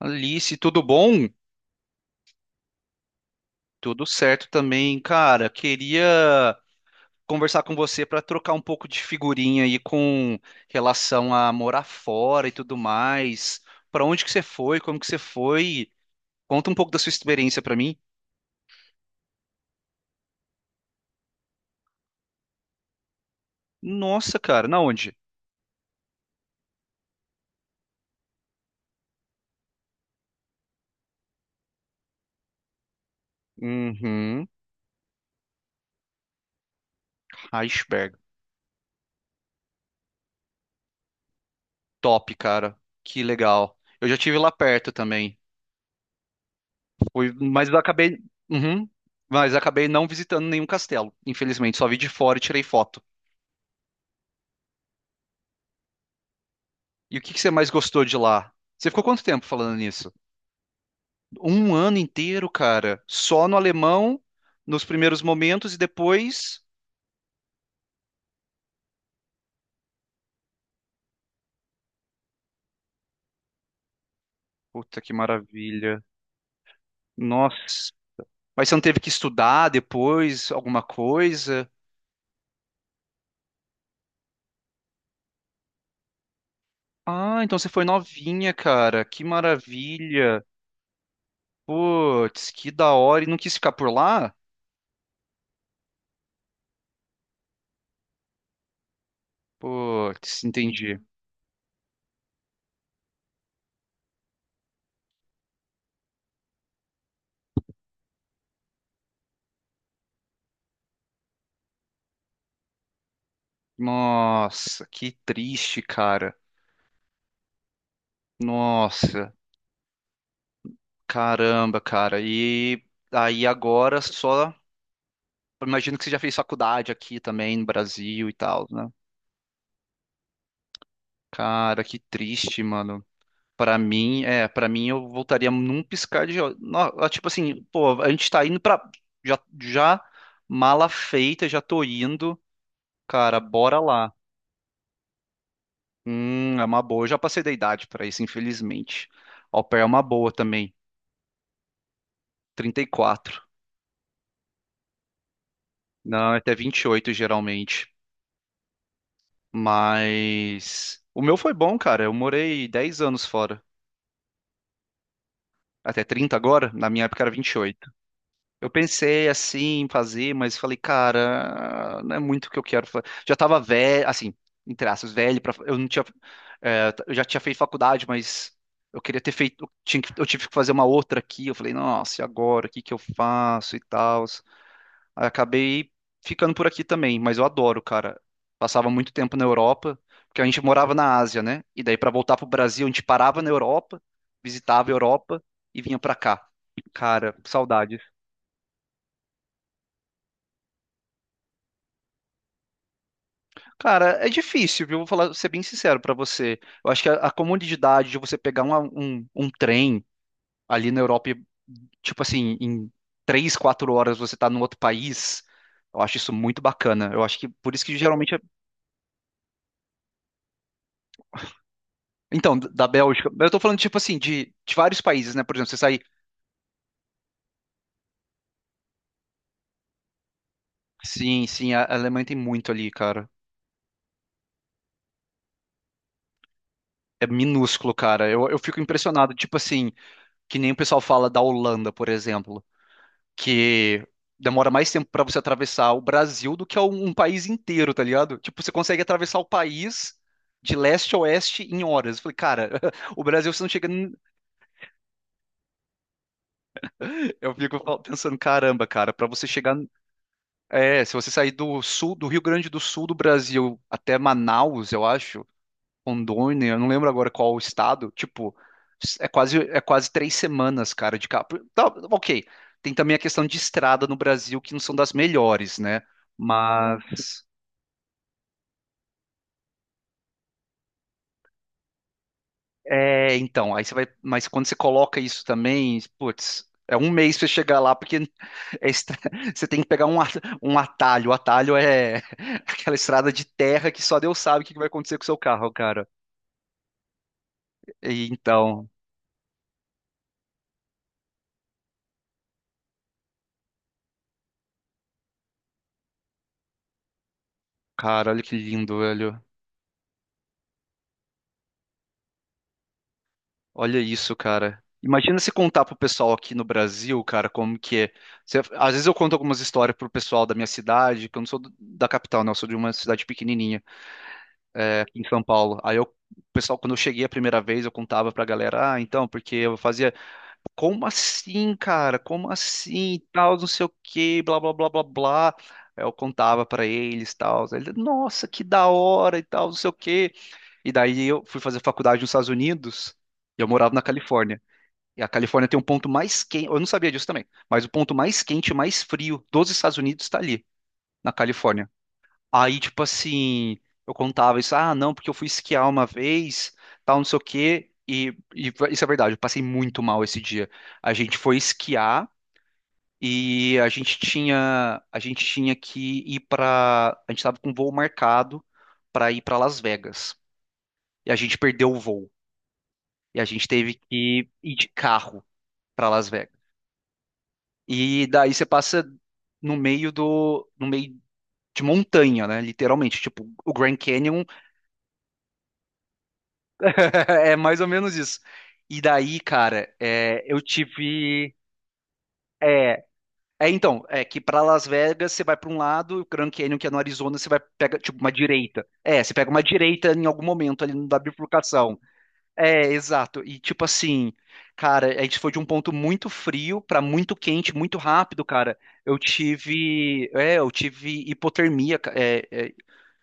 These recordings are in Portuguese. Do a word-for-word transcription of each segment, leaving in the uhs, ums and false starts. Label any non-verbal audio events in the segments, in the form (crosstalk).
Alice, tudo bom? Tudo certo também, cara. Queria conversar com você para trocar um pouco de figurinha aí com relação a morar fora e tudo mais. Para onde que você foi? Como que você foi? Conta um pouco da sua experiência para mim. Nossa, cara, na onde? Uhum. Iceberg. Top, cara. Que legal. Eu já tive lá perto também. Fui, mas eu acabei, uhum, mas acabei não visitando nenhum castelo. Infelizmente, só vi de fora e tirei foto. E o que que você mais gostou de lá? Você ficou quanto tempo falando nisso? Um ano inteiro, cara, só no alemão, nos primeiros momentos e depois. Puta que maravilha. Nossa. Mas você não teve que estudar depois alguma coisa? Ah, então você foi novinha, cara. Que maravilha. Putz, que da hora. E não quis ficar por lá? Putz, entendi. Nossa, que triste, cara. Nossa. Caramba, cara. E aí agora só. Imagino que você já fez faculdade aqui também no Brasil e tal, né? Cara, que triste, mano. Pra mim, é, para mim eu voltaria num piscar de olhos. No- Tipo assim, pô, a gente tá indo pra. Já, já mala feita, já tô indo. Cara, bora lá. Hum, é uma boa. Eu já passei da idade pra isso, infelizmente. Au pair é uma boa também. Trinta e quatro. Não, é até vinte e oito geralmente. Mas o meu foi bom, cara. Eu morei dez anos fora. Até trinta agora, na minha época era vinte e oito. Eu pensei assim em fazer, mas falei, cara, não é muito o que eu quero fazer. Já tava velho, assim, entre aspas, velho para eu não tinha é, eu já tinha feito faculdade, mas eu queria ter feito, eu tinha que- eu tive que fazer uma outra aqui. Eu falei, nossa, e agora? O que que eu faço e tal? Acabei ficando por aqui também, mas eu adoro, cara. Passava muito tempo na Europa, porque a gente morava na Ásia, né? E daí pra voltar pro Brasil, a gente parava na Europa, visitava a Europa e vinha pra cá. Cara, saudade. Cara, é difícil, viu? Vou falar, ser bem sincero pra você. Eu acho que a, a comodidade de você pegar um, um, um trem ali na Europa, e, tipo assim, em três, quatro horas você tá num outro país, eu acho isso muito bacana. Eu acho que por isso que geralmente Então, d- da Bélgica. Eu tô falando, tipo assim, de, de vários países, né? Por exemplo, você sai. Sim, sim, a a Alemanha tem muito ali, cara. É minúsculo, cara. Eu, eu fico impressionado, tipo assim, que nem o pessoal fala da Holanda, por exemplo, que demora mais tempo pra você atravessar o Brasil do que um, um país inteiro, tá ligado? Tipo, você consegue atravessar o país de leste a oeste em horas. Eu falei, cara, (laughs) o Brasil você não chega. Nem- Eu fico fal- pensando, caramba, cara, pra você chegar. É, se você sair do sul, do Rio Grande do Sul do Brasil até Manaus, eu acho, Rondônia, eu não lembro agora qual o estado, tipo, é quase, é quase três semanas, cara, de carro. Tá, ok, tem também a questão de estrada no Brasil, que não são das melhores, né? Mas, é, então, aí você vai, mas quando você coloca isso também, putz, é um mês pra você chegar lá, porque é estra- (laughs) você tem que pegar um, at- um atalho, o atalho é (laughs) aquela estrada de terra que só Deus sabe o que que vai acontecer com o seu carro, cara. E então, cara, olha que lindo, velho. Olha isso, cara. Imagina se contar pro pessoal aqui no Brasil, cara, como que é. Você- às vezes eu conto algumas histórias pro pessoal da minha cidade, que eu não sou do- da capital, não, eu sou de uma cidade pequenininha, é, aqui em São Paulo. Aí eu, o pessoal, quando eu cheguei a primeira vez, eu contava pra galera, ah, então, porque eu fazia, como assim, cara? Como assim? Tal, não sei o quê, blá, blá, blá, blá, blá. Aí eu contava pra eles, tal. Aí eles, nossa, que da hora e tal, não sei o quê. E daí eu fui fazer faculdade nos Estados Unidos e eu morava na Califórnia. E a Califórnia tem um ponto mais quente, eu não sabia disso também, mas o ponto mais quente e mais frio dos Estados Unidos está ali, na Califórnia. Aí, tipo assim, eu contava isso, ah, não, porque eu fui esquiar uma vez, tal, não sei o quê, e, e isso é verdade, eu passei muito mal esse dia. A gente foi esquiar e a gente tinha, a gente tinha que ir para, a gente estava com um voo marcado para ir para Las Vegas. E a gente perdeu o voo. E a gente teve que ir de carro para Las Vegas. E daí você passa no meio do, no meio de montanha, né? Literalmente, tipo, o Grand Canyon (laughs) é mais ou menos isso. E daí, cara, é, eu tive, é, é então, é que para Las Vegas você vai para um lado, o Grand Canyon que é no Arizona você vai pega tipo uma direita. É, você pega uma direita em algum momento ali na bifurcação. É, exato. E tipo assim, cara, a gente foi de um ponto muito frio pra muito quente, muito rápido, cara. Eu tive, é, eu tive hipotermia, ca- é, é,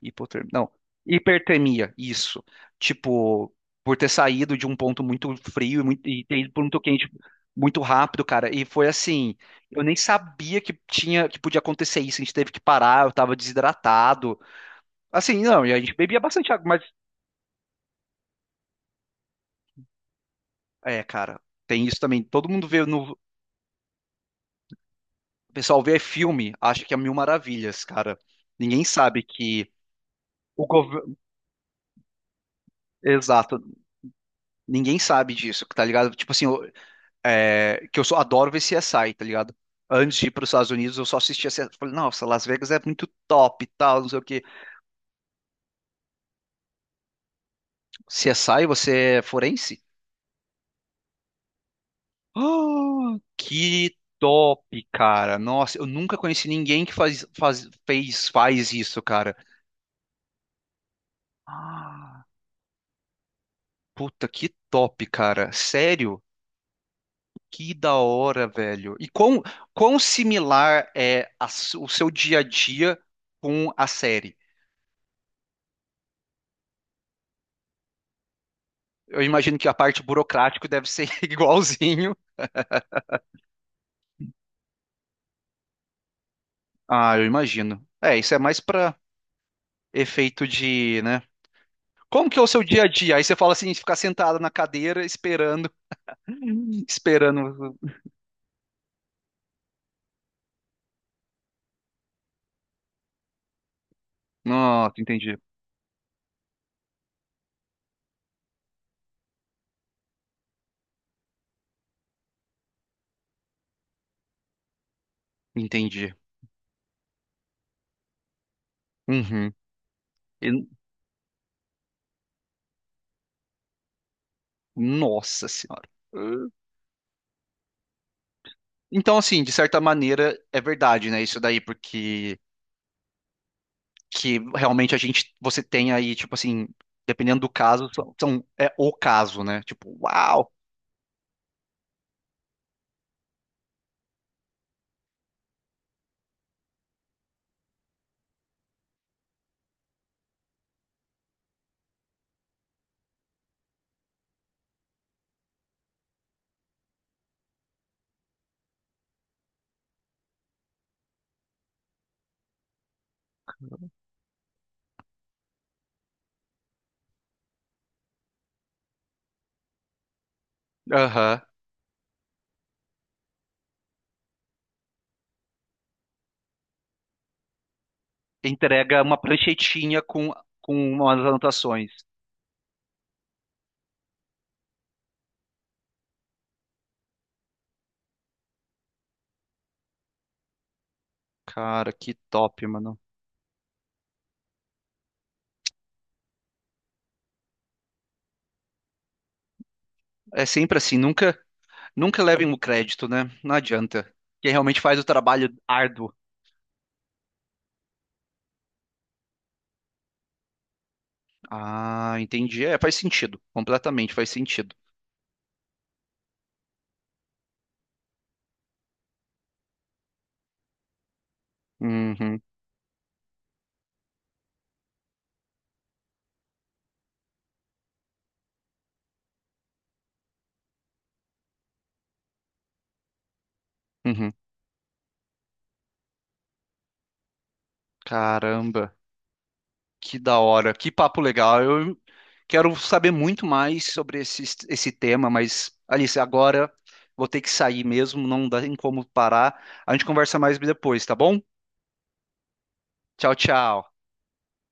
hipotermia, não, hipertermia, isso. Tipo, por ter saído de um ponto muito frio e, muito, e ter ido para muito quente muito rápido, cara. E foi assim, eu nem sabia que tinha, que podia acontecer isso. A gente teve que parar, eu tava desidratado. Assim, não, e a gente bebia bastante água, mas é, cara, tem isso também. Todo mundo vê no O pessoal vê filme, acha que é mil maravilhas, cara. Ninguém sabe que o governo. Exato. Ninguém sabe disso, tá ligado? Tipo assim, eu- é, que eu só adoro ver C S I, tá ligado? Antes de ir para os Estados Unidos, eu só assistia C S I. Falei, nossa, Las Vegas é muito top e tal, não sei o quê. C S I, você é forense? Ah, que top, cara. Nossa, eu nunca conheci ninguém que faz, faz, fez, faz isso, cara. Ah, puta, que top, cara. Sério? Que da hora, velho. E quão, quão similar é a s- o seu dia a dia com a série? Eu imagino que a parte burocrática deve ser (laughs) igualzinho. Ah, eu imagino. É, isso é mais pra efeito de, né? Como que é o seu dia a dia? Aí você fala assim, ficar sentado na cadeira esperando, (laughs) esperando. Nossa, entendi. Entendi. Uhum. E- Nossa senhora. Então, assim, de certa maneira, é verdade, né? Isso daí, porque que realmente a gente você tem aí, tipo assim, dependendo do caso, são, são- é o caso, né? Tipo, uau! Aham. Entrega uma pranchetinha com, com umas anotações. Cara, que top, mano. É sempre assim, nunca nunca levem o crédito, né? Não adianta. Quem realmente faz o trabalho árduo. Ah, entendi. É, faz sentido. Completamente faz sentido. Uhum, uhum. Caramba. Que da hora, que papo legal. Eu quero saber muito mais sobre esse, esse tema, mas Alice, agora vou ter que sair mesmo, não dá em como parar. A gente conversa mais depois, tá bom? Tchau, tchau.